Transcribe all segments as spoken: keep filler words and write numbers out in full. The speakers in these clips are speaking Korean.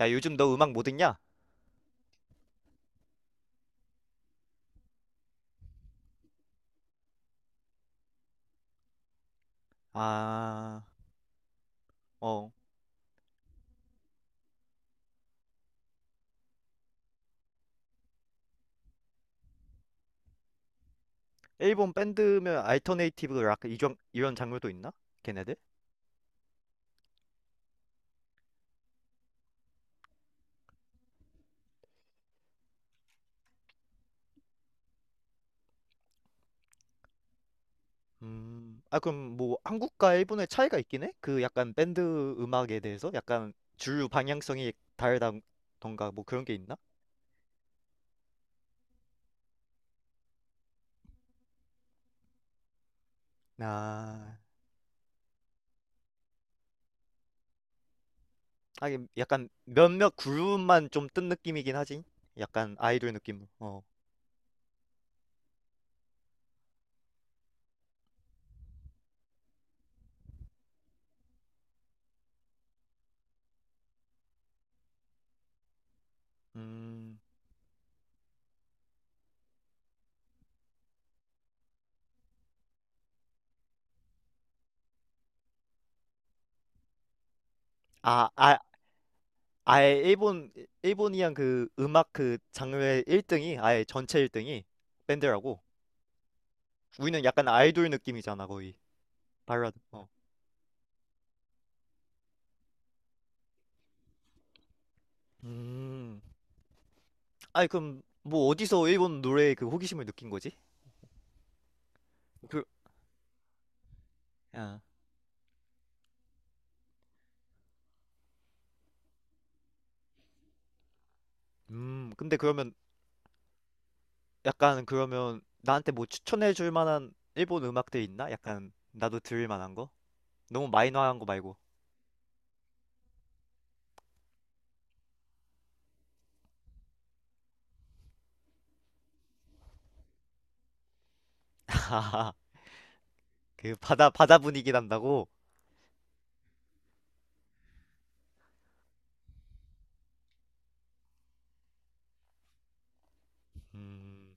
야, 요즘 너 음악 뭐 듣냐? 아, 어. 일본 밴드면 알터네이티브 락 이런 이런 장르도 있나? 걔네들? 음. 아, 그럼 뭐 한국과 일본의 차이가 있긴 해? 그 약간 밴드 음악에 대해서 약간 주류 방향성이 다르다던가 뭐 그런 게 있나? 아. 하긴 약간 몇몇 그룹만 좀 뜬 느낌이긴 하지. 약간 아이돌 느낌. 어. 음. 아, 아, 아예 일본 일본이랑 그 음악 그 장르의 일 등이 아예 전체 일 등이 밴드라고. 우리는 약간 아이돌 느낌이잖아 거의. 발라드. 어. 음. 아니, 그럼 뭐 어디서 일본 노래에 그 호기심을 느낀 거지? 그, 야. 음. 근데 그러면 약간, 그러면 나한테 뭐 추천해 줄 만한 일본 음악들 있나? 약간 나도 들을 만한 거? 너무 마이너한 거 말고. 그 바다 바다 분위기 난다고. 음.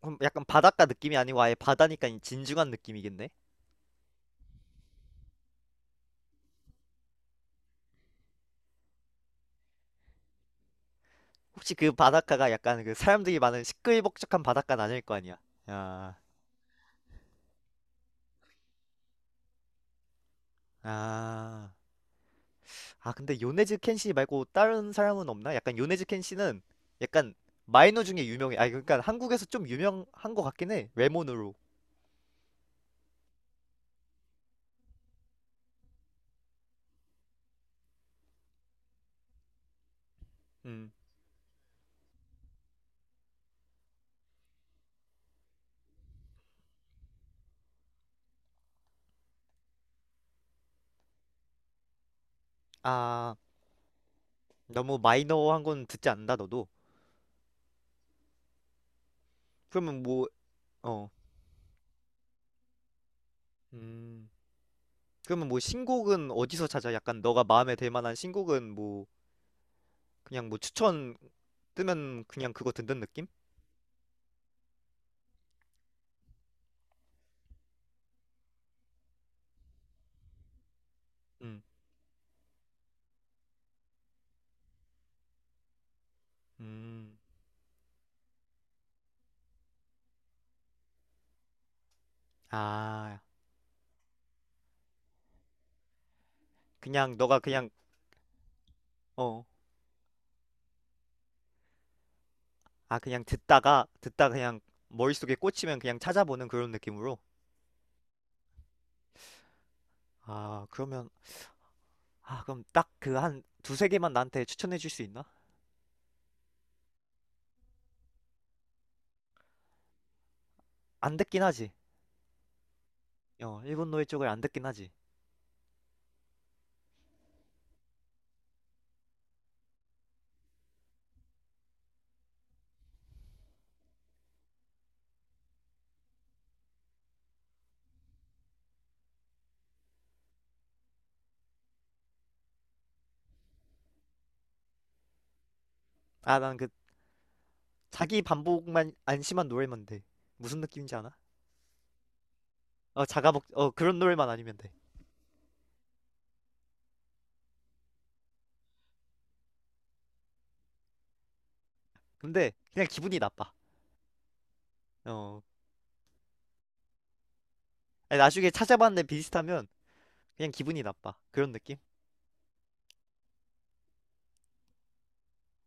그럼 약간 바닷가 느낌이 아니고 아예 바다니까 이 진중한 느낌이겠네? 혹시 그 바닷가가 약간 그 사람들이 많은 시끌벅적한 바닷가는 아닐 거 아니야? 야. 아, 아 근데 요네즈 켄시 말고 다른 사람은 없나? 약간 요네즈 켄시는 약간 마이너 중에 유명해. 아, 그러니까 한국에서 좀 유명한 것 같긴 해. 외모으로. 음. 아, 너무 마이너한 건 듣지 않는다 너도. 그러면 뭐, 어, 음, 그러면 뭐 신곡은 어디서 찾아? 약간 너가 마음에 들 만한 신곡은 뭐 그냥 뭐 추천 뜨면 그냥 그거 듣는 느낌? 음. 음. 아, 그냥 너가 그냥. 어. 아, 그냥 듣다가 듣다 그냥 머릿속에 꽂히면 그냥 찾아보는 그런 느낌으로. 아, 그러면, 아, 그럼 딱 그 한 두세 개만 나한테 추천해 줄 수 있나? 안 듣긴 하지. 어, 일본 노래 쪽을 안 듣긴 하지. 아, 난 그 자기 반복만 안심한 노래만 돼. 무슨 느낌인지 아나? 어, 자가복 어, 그런 노래만 아니면 돼. 근데 그냥 기분이 나빠. 어. 아니, 나중에 찾아봤는데 비슷하면 그냥 기분이 나빠. 그런 느낌?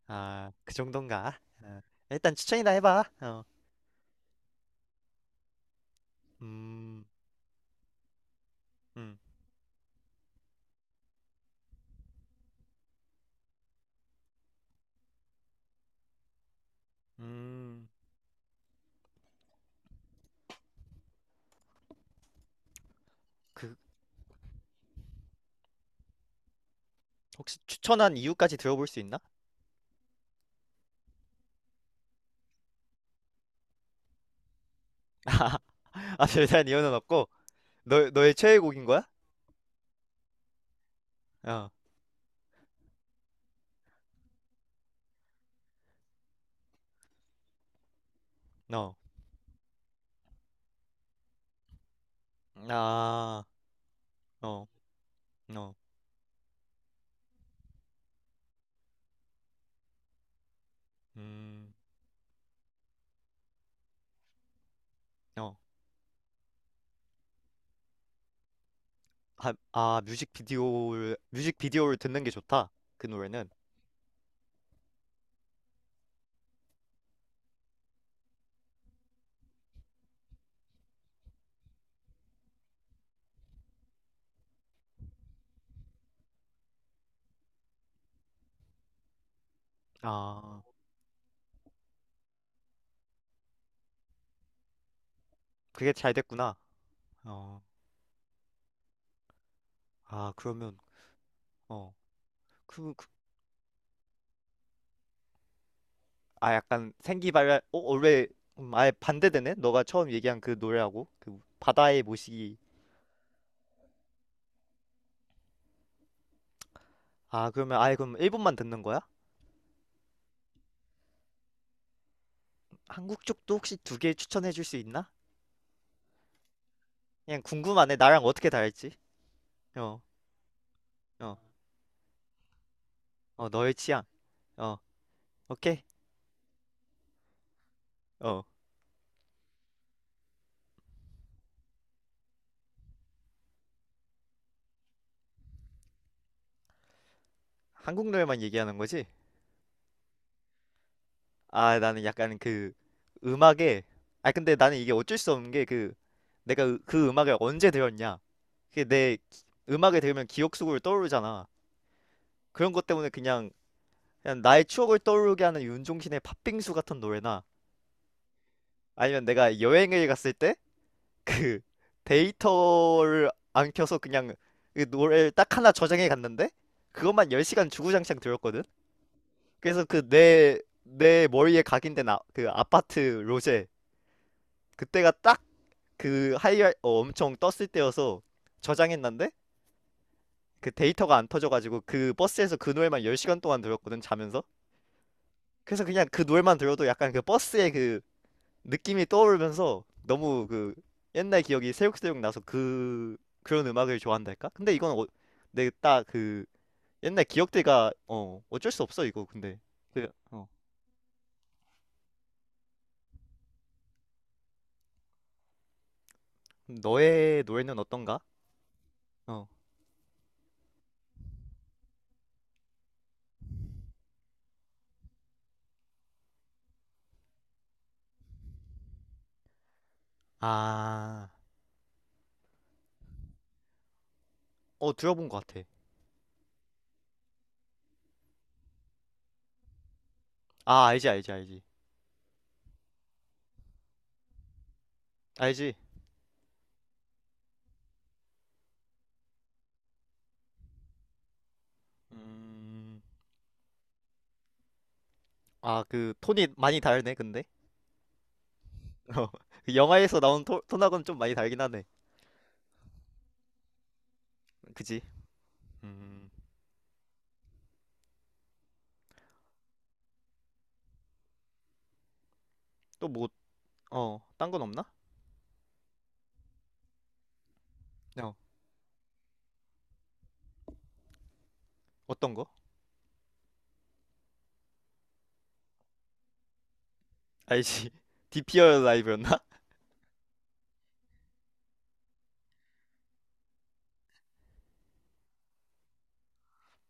아, 그 정도인가? 아, 일단 추천이나 해봐. 어. 음. 음. 음. 그, 혹시 추천한 이유까지 들어볼 수 있나? 아, 대단한 이유는 없고, 너, 너의 최애곡인 거야? 어. 어. 아. 어. 어. 음. 어. 아, 아, 뮤직비디오를, 뮤직비디오를 듣는 게 좋다. 그 노래는. 아, 그게 잘 됐구나. 어. 아, 그러면, 어. 그, 그, 아 약간 생기발랄, 어 원래. 음, 아예 반대되네 너가 처음 얘기한 그 노래하고 그 바다의 모시기. 아, 그러면 아예 그럼 일본만 듣는 거야? 한국 쪽도 혹시 두 개 추천해 줄 수 있나? 그냥 궁금하네 나랑 어떻게 다를지. 어어어 너의 취향. 어. 오케이. 어. 한국 노래만 얘기하는 거지? 아, 나는 약간 그 음악에, 아 근데 나는 이게 어쩔 수 없는 게, 그 내가 으- 그 음악을 언제 들었냐, 그게 내 기- 음악을 들으면 기억 속으로 떠오르잖아. 그런 것 때문에 그냥 그냥 나의 추억을 떠오르게 하는 윤종신의 팥빙수 같은 노래나, 아니면 내가 여행을 갔을 때 그 데이터를 안 켜서 그냥 그 노래를 딱 하나 저장해 갔는데 그것만 열 시간 주구장창 들었거든. 그래서 그 내 내 머리에 각인된, 아, 그 아파트 로제. 그때가 딱 그 하이, 어, 엄청 떴을 때여서 저장했는데 그 데이터가 안 터져가지고 그 버스에서 그 노래만 열 시간 동안 들었거든 자면서. 그래서 그냥 그 노래만 들어도 약간 그 버스의 그 느낌이 떠오르면서 너무 그 옛날 기억이 새록새록 나서 그 그런 음악을 좋아한달까? 근데 이건 어, 내딱그 옛날 기억들과 어 어쩔 수 없어 이거 근데. 그, 어, 너의 노래는 어떤가? 어. 아. 어, 들어본 것 같아. 아, 알지, 알지, 알지, 알지. 음. 아, 그 톤이 많이 다르네 근데. 어. 그 영화에서 나온 톤, 톤하고는 좀 많이 다르긴 하네. 그지? 음. 또 뭐, 어 딴 건 없나? 어, 어떤 거? 알지? 디피 r 라이브였나?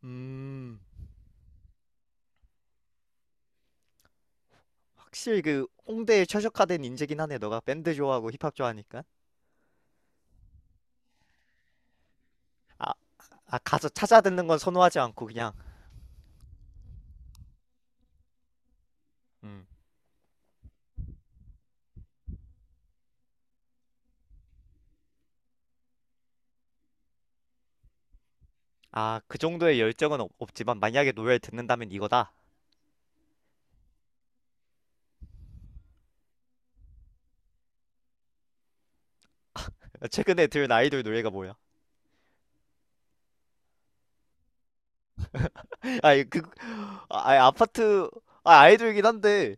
음, 확실히 그 홍대에 최적화된 인재긴 하네. 너가 밴드 좋아하고 힙합 좋아하니까. 아, 아 가서 찾아 듣는 건 선호하지 않고 그냥. 음. 아, 그 정도의 열정은 없, 없지만 만약에 노래를 듣는다면 이거다. 최근에 들은 아이돌 노래가 뭐야? 아이 그, 아, 아이, 아파트. 아, 아이돌이긴 한데.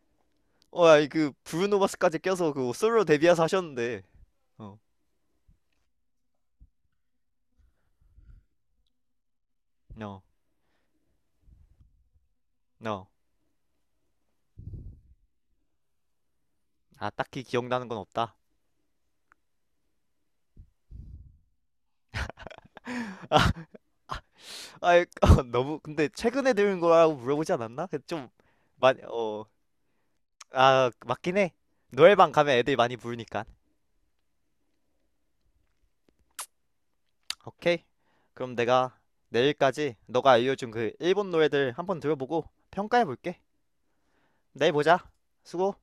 어, 아이 그 브루노 마스까지 껴서 그 솔로 데뷔해서 하셨는데. 어. No. No. 아, 딱히 기억나는 건 없다. 아, 너무, 근데 최근에 들은 거라고 물어보지 않았나? 그 좀 많이, 어, 아, 맞긴 해. 노래방 가면 애들이 많이 부르니까. 오케이. 그럼 내가 내일까지 너가 알려준 그 일본 노래들 한번 들어보고 평가해 볼게. 내일 보자. 수고.